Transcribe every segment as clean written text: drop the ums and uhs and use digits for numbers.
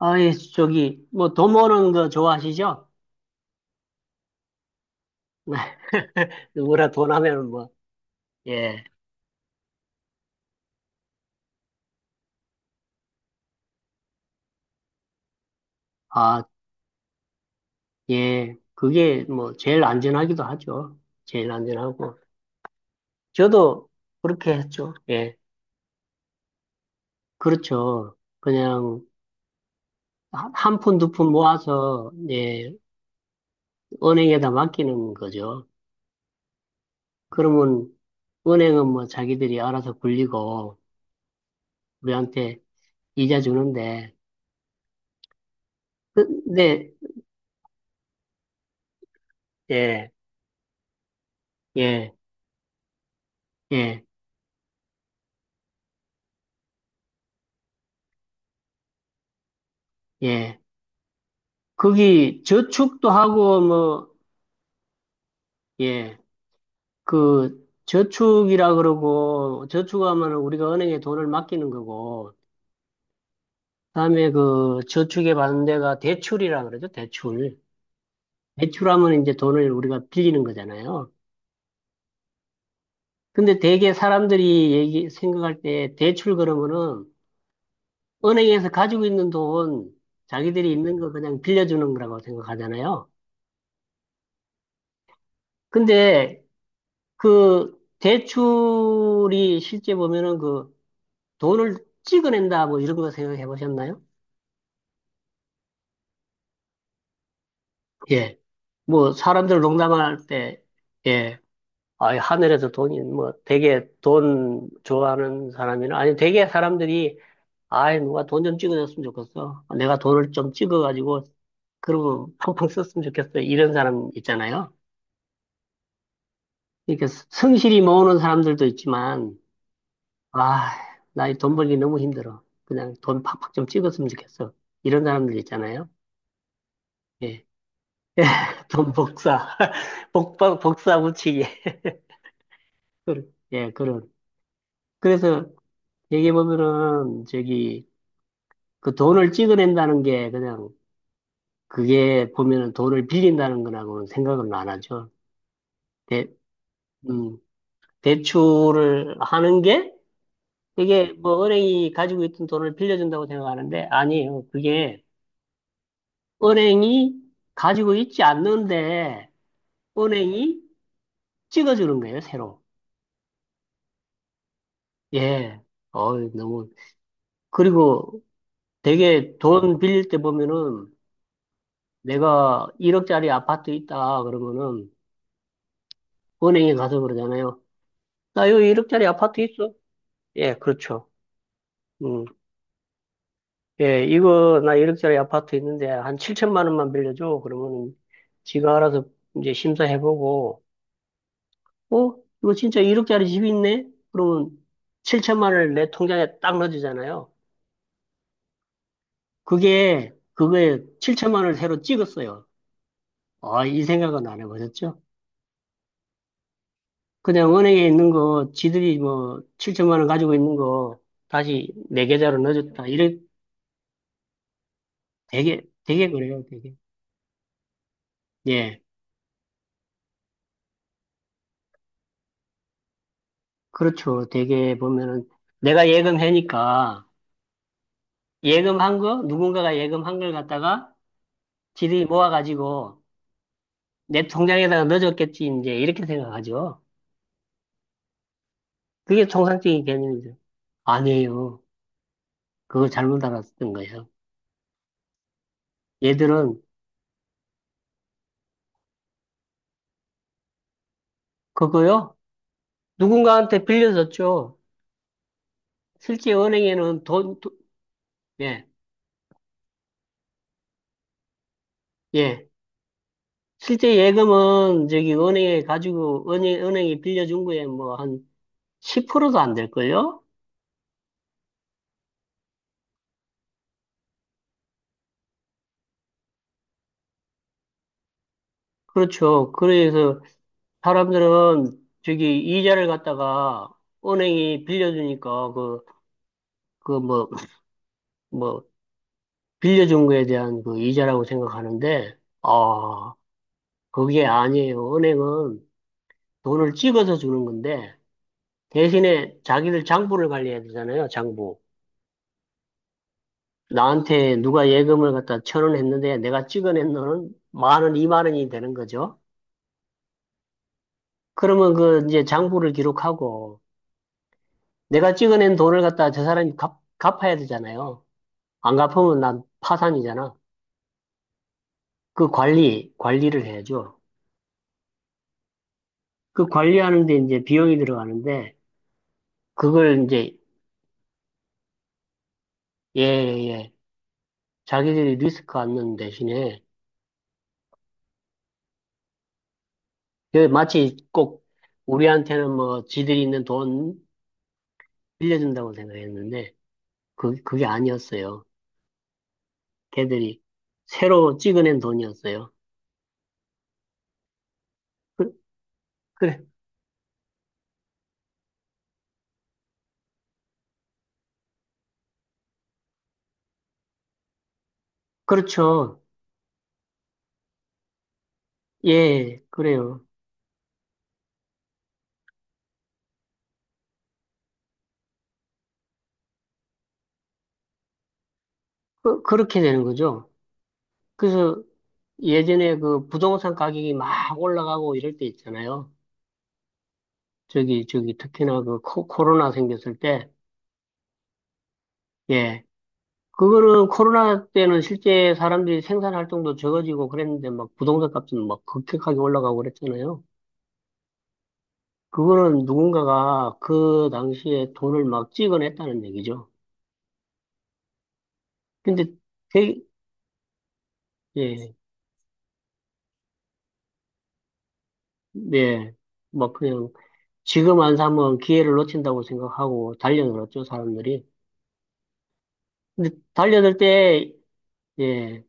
아이, 저기, 뭐, 돈 모으는 거 좋아하시죠? 누구나 돈 하면 뭐, 예. 아, 예. 그게 뭐, 제일 안전하기도 하죠. 제일 안전하고. 저도 그렇게 했죠. 예. 그렇죠. 그냥, 한 푼, 두 푼 모아서, 예, 은행에다 맡기는 거죠. 그러면, 은행은 뭐, 자기들이 알아서 굴리고, 우리한테 이자 주는데, 근데, 예, 예, 예, 예. 거기 저축도 하고 뭐, 예, 그 저축이라 그러고 저축하면 우리가 은행에 돈을 맡기는 거고, 그다음에 그 저축에 받는 데가 대출이라 그러죠, 대출. 대출하면 이제 돈을 우리가 빌리는 거잖아요. 근데 되게 사람들이 생각할 때 대출 그러면은 은행에서 가지고 있는 돈, 자기들이 있는 거 그냥 빌려주는 거라고 생각하잖아요. 근데 그 대출이 실제 보면은 그 돈을 찍어낸다, 뭐 이런 거 생각해 보셨나요? 예. 뭐 사람들 농담할 때, 예. 아, 하늘에서 돈이, 뭐 되게 돈 좋아하는 사람이나, 아니 되게 사람들이, 아이, 누가 돈 좀 찍어줬으면 좋겠어. 내가 돈을 좀 찍어가지고, 그러면 팡팡 썼으면 좋겠어. 이런 사람 있잖아요. 이렇게 성실히 모으는 사람들도 있지만, 아, 나 이 돈 벌기 너무 힘들어. 그냥 돈 팍팍 좀 찍었으면 좋겠어. 이런 사람들 있잖아요. 예. 예, 돈 복사, 복사 붙이기. 예, 그런. 그래서 얘기해보면은, 저기, 그 돈을 찍어낸다는 게 그냥, 그게 보면은 돈을 빌린다는 거라고는 생각은 안 하죠. 대, 음, 대출을 하는 게, 이게 뭐 은행이 가지고 있던 돈을 빌려준다고 생각하는데, 아니에요. 그게 은행이 가지고 있지 않는데, 은행이 찍어주는 거예요, 새로. 예. 어, 너무. 그리고 되게 돈 빌릴 때 보면은 내가 1억짜리 아파트 있다 그러면은 은행에 가서 그러잖아요. 나 여기 1억짜리 아파트 있어? 예, 그렇죠. 음. 예, 이거 나 1억짜리 아파트 있는데 한 7천만 원만 빌려줘. 그러면은 지가 알아서 이제 심사해보고 어? 이거 진짜 1억짜리 집이 있네? 그러면 7천만 원을 내 통장에 딱 넣어주잖아요. 그게 그거에 7천만 원을 새로 찍었어요. 아, 이 생각은 안 해보셨죠? 그냥 은행에 있는 거, 지들이 뭐 7천만 원 가지고 있는 거 다시 내 계좌로 넣어줬다. 이래 되게 그래요, 되게. 예, 그렇죠. 되게 보면은 내가 예금해니까 예금한 거 누군가가 예금한 걸 갖다가 지들이 모아가지고 내 통장에다가 넣어줬겠지 이제 이렇게 생각하죠. 그게 통상적인 개념이죠. 아니에요. 그걸 잘못 알았던 거예요. 얘들은 그거요. 누군가한테 빌려줬죠. 실제 은행에는 예. 예. 실제 예금은 저기 은행에 가지고 은행이 빌려준 거에 뭐 한 10%도 안 될걸요? 그렇죠. 그래서 사람들은 저기 이자를 갖다가 은행이 빌려주니까 그 뭐, 뭐, 빌려준 거에 대한 그 이자라고 생각하는데, 아, 그게 아니에요. 은행은 돈을 찍어서 주는 건데, 대신에 자기들 장부를 관리해야 되잖아요. 장부. 나한테 누가 예금을 갖다 천원 했는데 내가 찍어낸 돈은 만 원, 이만 원이 되는 거죠. 그러면 그 이제 장부를 기록하고 내가 찍어낸 돈을 갖다 저 사람이 갚아야 되잖아요. 안 갚으면 난 파산이잖아. 그 관리를 해야죠. 그 관리하는데 이제 비용이 들어가는데 그걸 이제 예, 예, 예. 자기들이 리스크 안는 대신에 그 마치 꼭 우리한테는 뭐 지들이 있는 돈 빌려준다고 생각했는데 그게 아니었어요. 걔들이 새로 찍어낸 돈이었어요. 그, 그래. 그렇죠. 예, 그래요. 그렇게 되는 거죠. 그래서 예전에 그 부동산 가격이 막 올라가고 이럴 때 있잖아요. 저기, 저기, 특히나 코로나 생겼을 때, 예. 그거는 코로나 때는 실제 사람들이 생산 활동도 적어지고 그랬는데 막 부동산 값은 막 급격하게 올라가고 그랬잖아요. 그거는 누군가가 그 당시에 돈을 막 찍어냈다는 얘기죠. 근데 되게, 예. 네, 뭐 그냥 지금 안 사면 기회를 놓친다고 생각하고 달려들었죠, 사람들이. 근데 달려들 때, 예,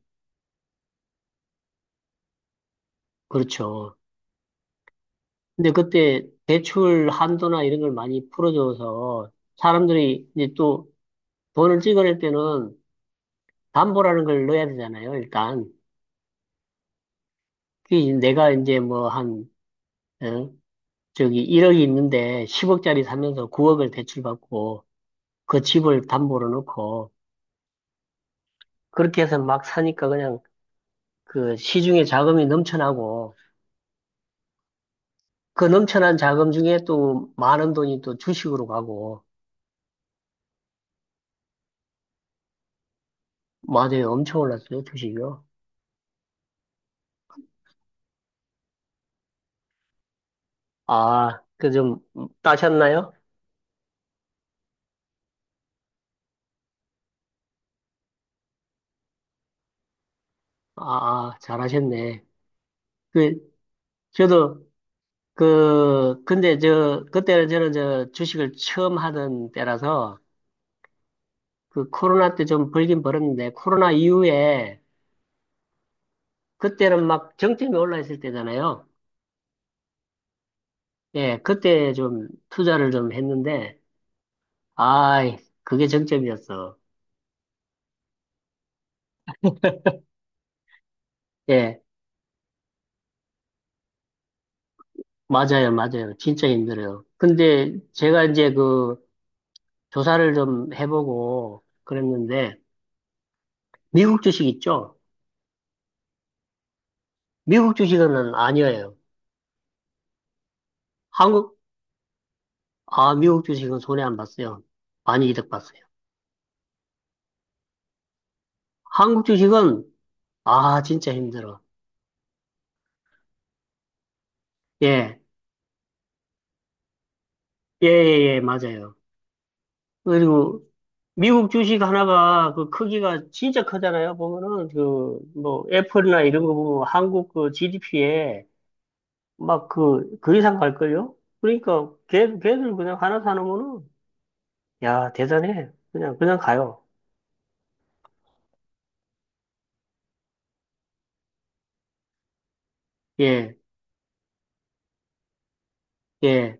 그렇죠. 근데 그때 대출 한도나 이런 걸 많이 풀어줘서 사람들이 이제 또 돈을 찍어낼 때는 담보라는 걸 넣어야 되잖아요, 일단. 그게 이제 내가 이제 뭐 한, 어, 저기 1억이 있는데 10억짜리 사면서 9억을 대출받고 그 집을 담보로 넣고 그렇게 해서 막 사니까 그냥 그 시중에 자금이 넘쳐나고 그 넘쳐난 자금 중에 또 많은 돈이 또 주식으로 가고 맞아요. 엄청 올랐어요. 주식이요. 아, 그 좀 따셨나요? 아, 아, 잘하셨네. 그 저도 그 근데 저 그때는 저는 저 주식을 처음 하던 때라서 그 코로나 때 좀 벌긴 벌었는데 코로나 이후에 그때는 막 정점이 올라 있을 때잖아요. 예, 그때 좀 투자를 좀 했는데 아이 그게 정점이었어. 예, 맞아요, 맞아요. 진짜 힘들어요. 근데 제가 이제 그 조사를 좀 해보고 그랬는데, 미국 주식 있죠? 미국 주식은 아니에요. 한국, 아, 미국 주식은 손해 안 봤어요. 많이 이득 봤어요. 한국 주식은, 아, 진짜 힘들어. 예, 예, 예, 예, 맞아요. 그리고 미국 주식 하나가 그 크기가 진짜 크잖아요. 보면은 그, 뭐, 애플이나 이런 거 보면 한국 그 GDP에 그 이상 갈걸요? 그러니까 걔들 그냥 하나 사놓으면은, 야, 대단해. 그냥, 그냥 가요. 예, 예.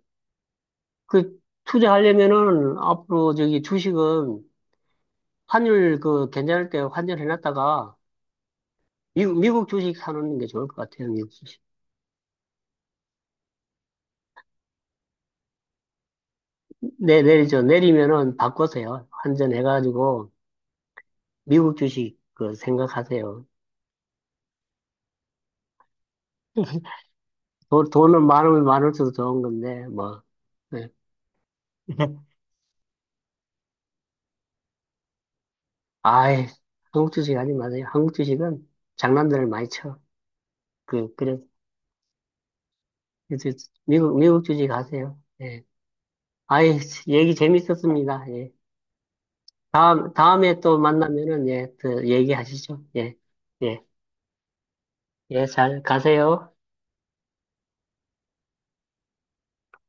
그, 투자하려면은 앞으로 저기 주식은 환율 그 괜찮을 때 환전해놨다가 미국 주식 사놓는 게 좋을 것 같아요, 미국 주식. 네, 내리죠. 내리면은 바꿔서요. 환전해가지고 미국 주식 그 생각하세요. 돈은 많으면 많을수록 좋은 건데, 뭐. 네. 아이, 한국 주식 하지 마세요. 한국 주식은 장난들을 많이 쳐. 그래. 그래서 미국 주식 하세요. 예. 아이, 얘기 재밌었습니다. 예. 다음에 또 만나면은, 예, 또 얘기하시죠. 예. 예. 예, 잘 가세요.